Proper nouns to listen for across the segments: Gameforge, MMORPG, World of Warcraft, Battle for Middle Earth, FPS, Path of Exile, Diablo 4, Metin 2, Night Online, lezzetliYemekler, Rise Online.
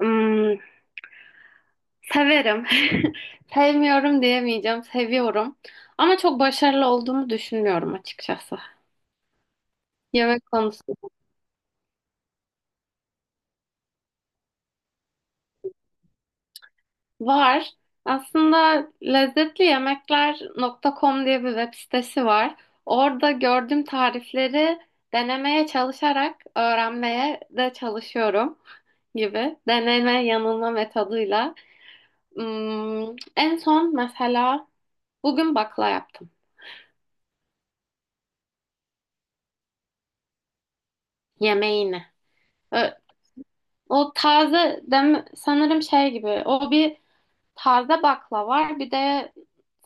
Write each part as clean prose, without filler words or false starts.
Hmm, severim. Sevmiyorum diyemeyeceğim. Seviyorum. Ama çok başarılı olduğumu düşünmüyorum açıkçası. Yemek konusu var. Aslında lezzetliYemekler.com diye bir web sitesi var. Orada gördüğüm tarifleri denemeye çalışarak öğrenmeye de çalışıyorum gibi. Deneme yanılma metoduyla. Hmm, en son mesela bugün bakla yaptım. Yemeğini. Ö- O taze dem sanırım şey gibi. O bir taze bakla var. Bir de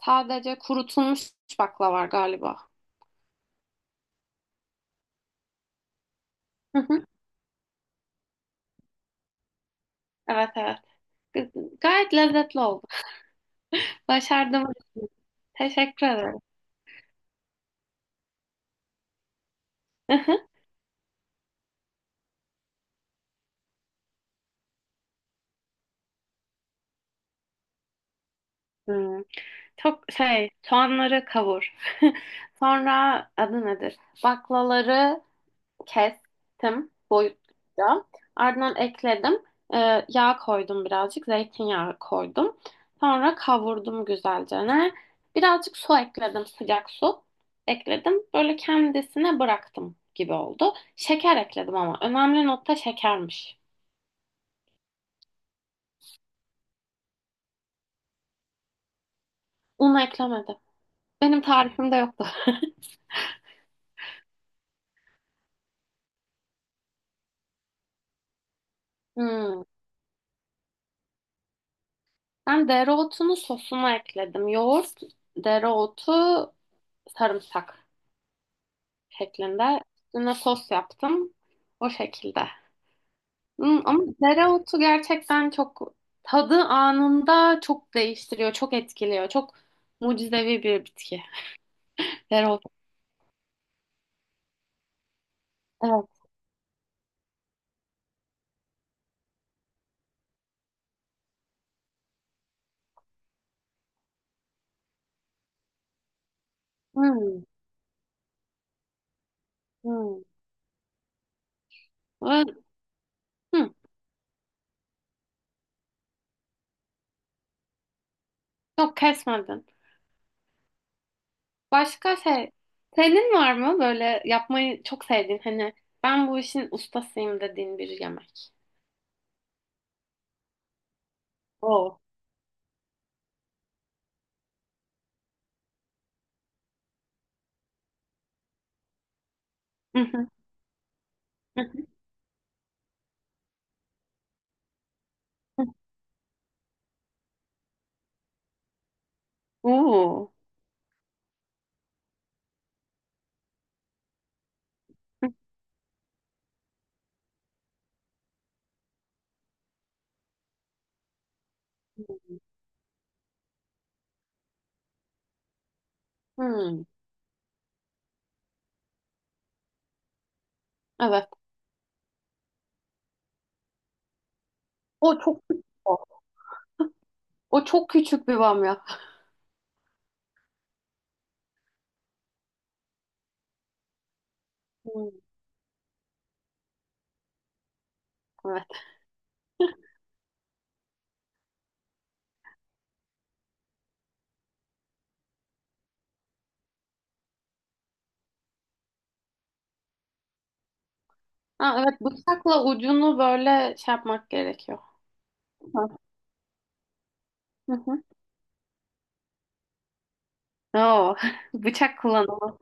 sadece kurutulmuş bakla var galiba. Hı hı. Evet evet. Gayet lezzetli oldu. Başardım. Teşekkür ederim. Hı hı. Hmm. Çok şey soğanları kavur. Sonra adı nedir? Baklaları kestim boyutluca. Ardından ekledim. Yağ koydum birazcık. Zeytinyağı koydum. Sonra kavurdum güzelce. Ne? Birazcık su ekledim. Sıcak su ekledim. Böyle kendisine bıraktım gibi oldu. Şeker ekledim ama. Önemli nokta şekermiş. Un eklemedim. Benim tarifimde yoktu. Hmm. Ben dereotunu sosuna ekledim. Yoğurt, dereotu, sarımsak şeklinde. Üstüne sos yaptım. O şekilde. Ama dereotu gerçekten çok tadı anında çok değiştiriyor, çok etkiliyor. Çok mucizevi bir bitki. Dereotu. Evet. Hmm, hmm. Ve- hmm, Yok kesmedin. Başka şey, senin var mı böyle yapmayı çok sevdiğin hani ben bu işin ustasıyım dediğin bir yemek? Oo. Hı hı, hı hı. Oo. Hı hı. Hmm, evet. O çok sık. O çok küçük bir bamya. Hmm, evet. Ha, evet bıçakla ucunu böyle şey yapmak gerekiyor. Ha, hı hı. Oo, bıçak kullanımı.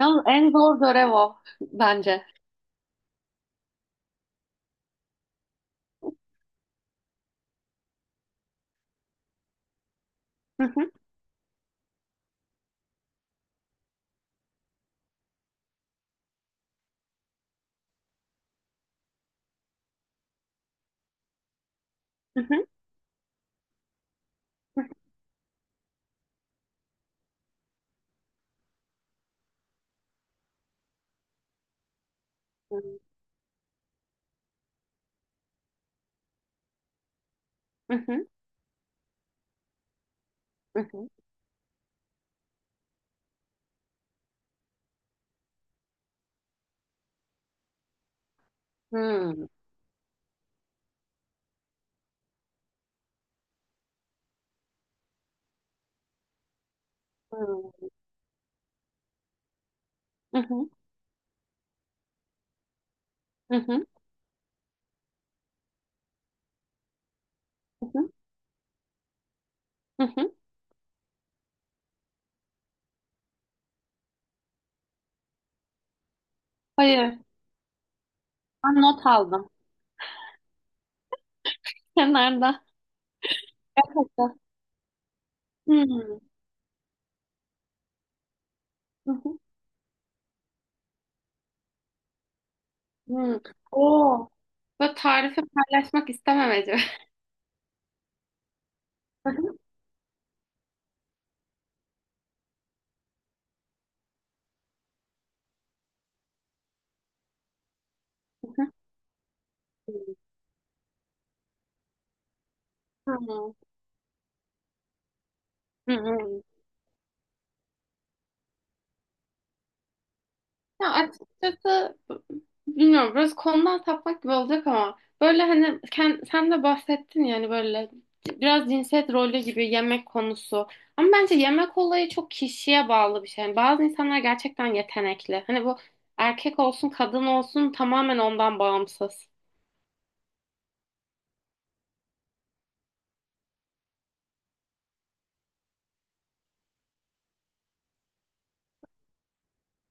Yalnız en zor görev o bence. Hı hı, hı hı, hı hı, hı hı, hı hı, hı hı, hı hı, hı hı, hı hı. Hayır, ben not aldım. Kenarda. Hmm, hı hı, hı. Oo, bu tarifi paylaşmak istememeci. Hı hı. Hı hı. Ya açıkçası bilmiyorum biraz konudan sapmak gibi olacak ama böyle hani sen de bahsettin yani böyle biraz cinsiyet rolü gibi yemek konusu. Ama bence yemek olayı çok kişiye bağlı bir şey. Yani bazı insanlar gerçekten yetenekli. Hani bu erkek olsun kadın olsun tamamen ondan bağımsız.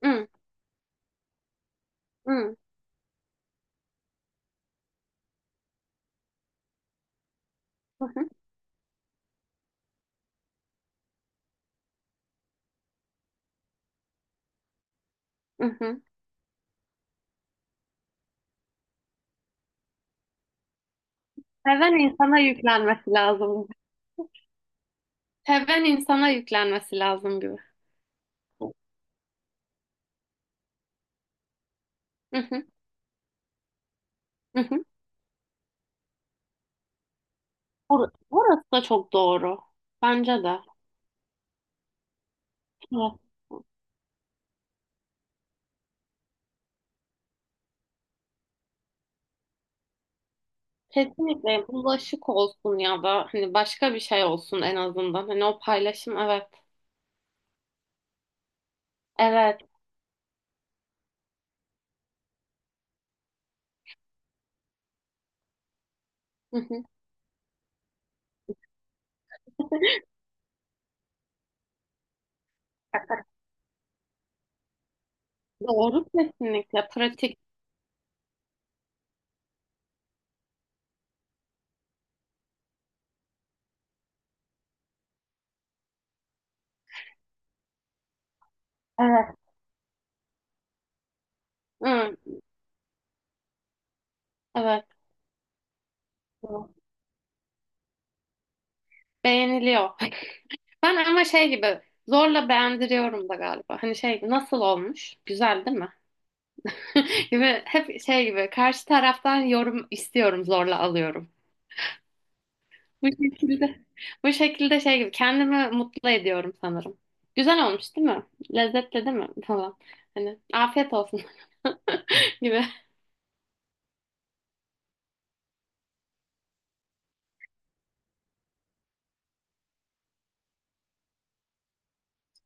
Hı, hı, hı, hı, hı. Hı. Seven insana yüklenmesi lazım. Seven insana yüklenmesi lazım gibi. Hı hı, hı hı. Burası da çok doğru. Bence de. Evet. Kesinlikle bulaşık olsun ya da hani başka bir şey olsun en azından. Hani o paylaşım evet. Evet. Hı hı. Doğru kesinlikle pratik. Evet. Hı, evet. Doğru. Beğeniliyor. Ben ama şey gibi zorla beğendiriyorum da galiba. Hani şey gibi, nasıl olmuş? Güzel değil mi? Gibi hep şey gibi karşı taraftan yorum istiyorum zorla alıyorum. Bu şekilde, bu şekilde şey gibi kendimi mutlu ediyorum sanırım. Güzel olmuş değil mi? Lezzetli değil mi? Falan. Hani afiyet olsun gibi.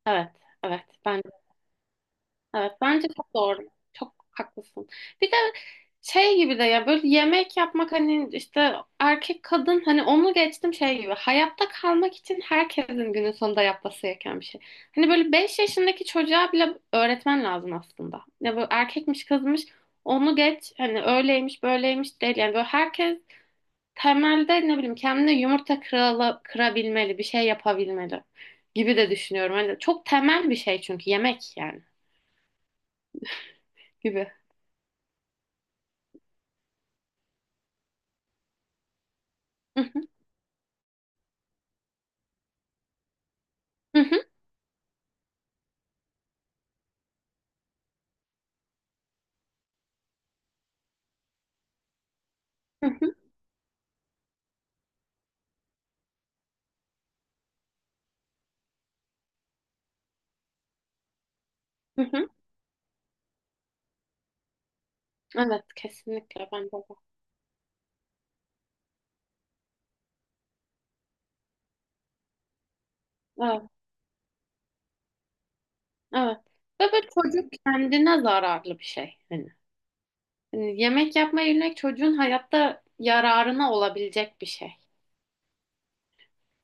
Evet, evet. Evet bence çok doğru. Çok haklısın. Bir de şey gibi de ya böyle yemek yapmak hani işte erkek kadın hani onu geçtim şey gibi. Hayatta kalmak için herkesin günün sonunda yapması gereken bir şey. Hani böyle 5 yaşındaki çocuğa bile öğretmen lazım aslında. Ya böyle erkekmiş kızmış onu geç hani öyleymiş böyleymiş değil. Yani böyle herkes temelde ne bileyim kendine yumurta kırabilmeli bir şey yapabilmeli gibi de düşünüyorum. Hani çok temel bir şey çünkü yemek yani gibi. Hı hı, hı hı, hı hı. Evet kesinlikle ben de. Evet, evet. Ve böyle çocuk kendine zararlı bir şey. hani, yemek yapma yemek çocuğun hayatta yararına olabilecek bir şey.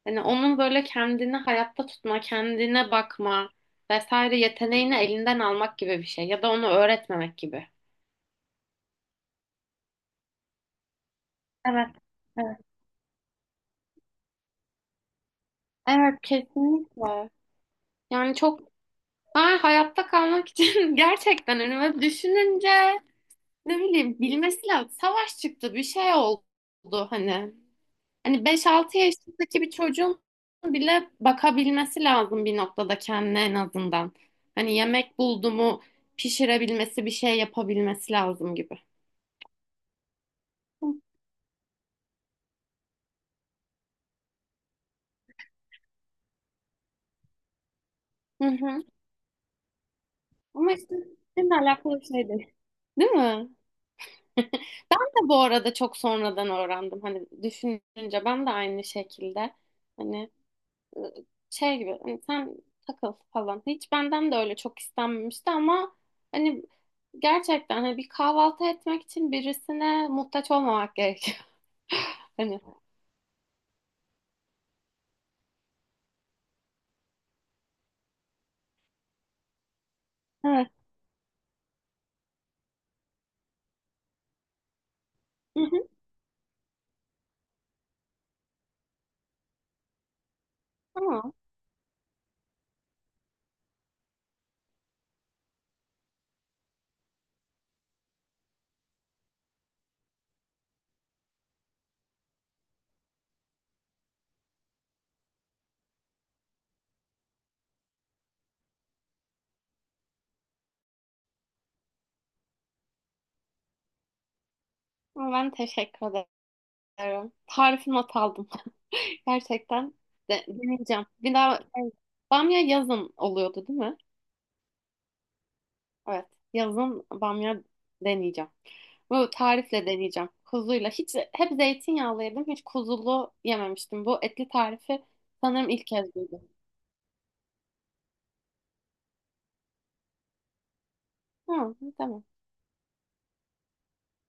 Hani onun böyle kendini hayatta tutma, kendine bakma vesaire yeteneğini elinden almak gibi bir şey ya da onu öğretmemek gibi. Evet, evet. Evet, kesinlikle. Yani çok ben hayatta kalmak için gerçekten hani böyle düşününce ne bileyim bilmesi lazım. Savaş çıktı bir şey oldu hani. Hani 5-6 yaşındaki bir çocuğun bile bakabilmesi lazım bir noktada kendine en azından. Hani yemek buldu mu pişirebilmesi bir şey yapabilmesi lazım gibi. Hı hı. Ama işte seninle alakalı bir şey değil. Değil mi? Ben de bu arada çok sonradan öğrendim. Hani düşününce ben de aynı şekilde. Hani şey gibi hani sen takıl falan. Hiç benden de öyle çok istenmemişti ama hani gerçekten hani bir kahvaltı etmek için birisine muhtaç olmamak gerekiyor. Hani. Evet. Hı hı. Ama, ama, ben teşekkür ederim. Tarifini not aldım. Gerçekten deneyeceğim. Bir daha evet. Bamya yazın oluyordu değil mi? Evet. Yazın bamya deneyeceğim. Bu tarifle deneyeceğim. Kuzuyla. Hiç hep zeytinyağlı yedim. Hiç kuzulu yememiştim. Bu etli tarifi sanırım ilk kez duydum. Ha, tamam.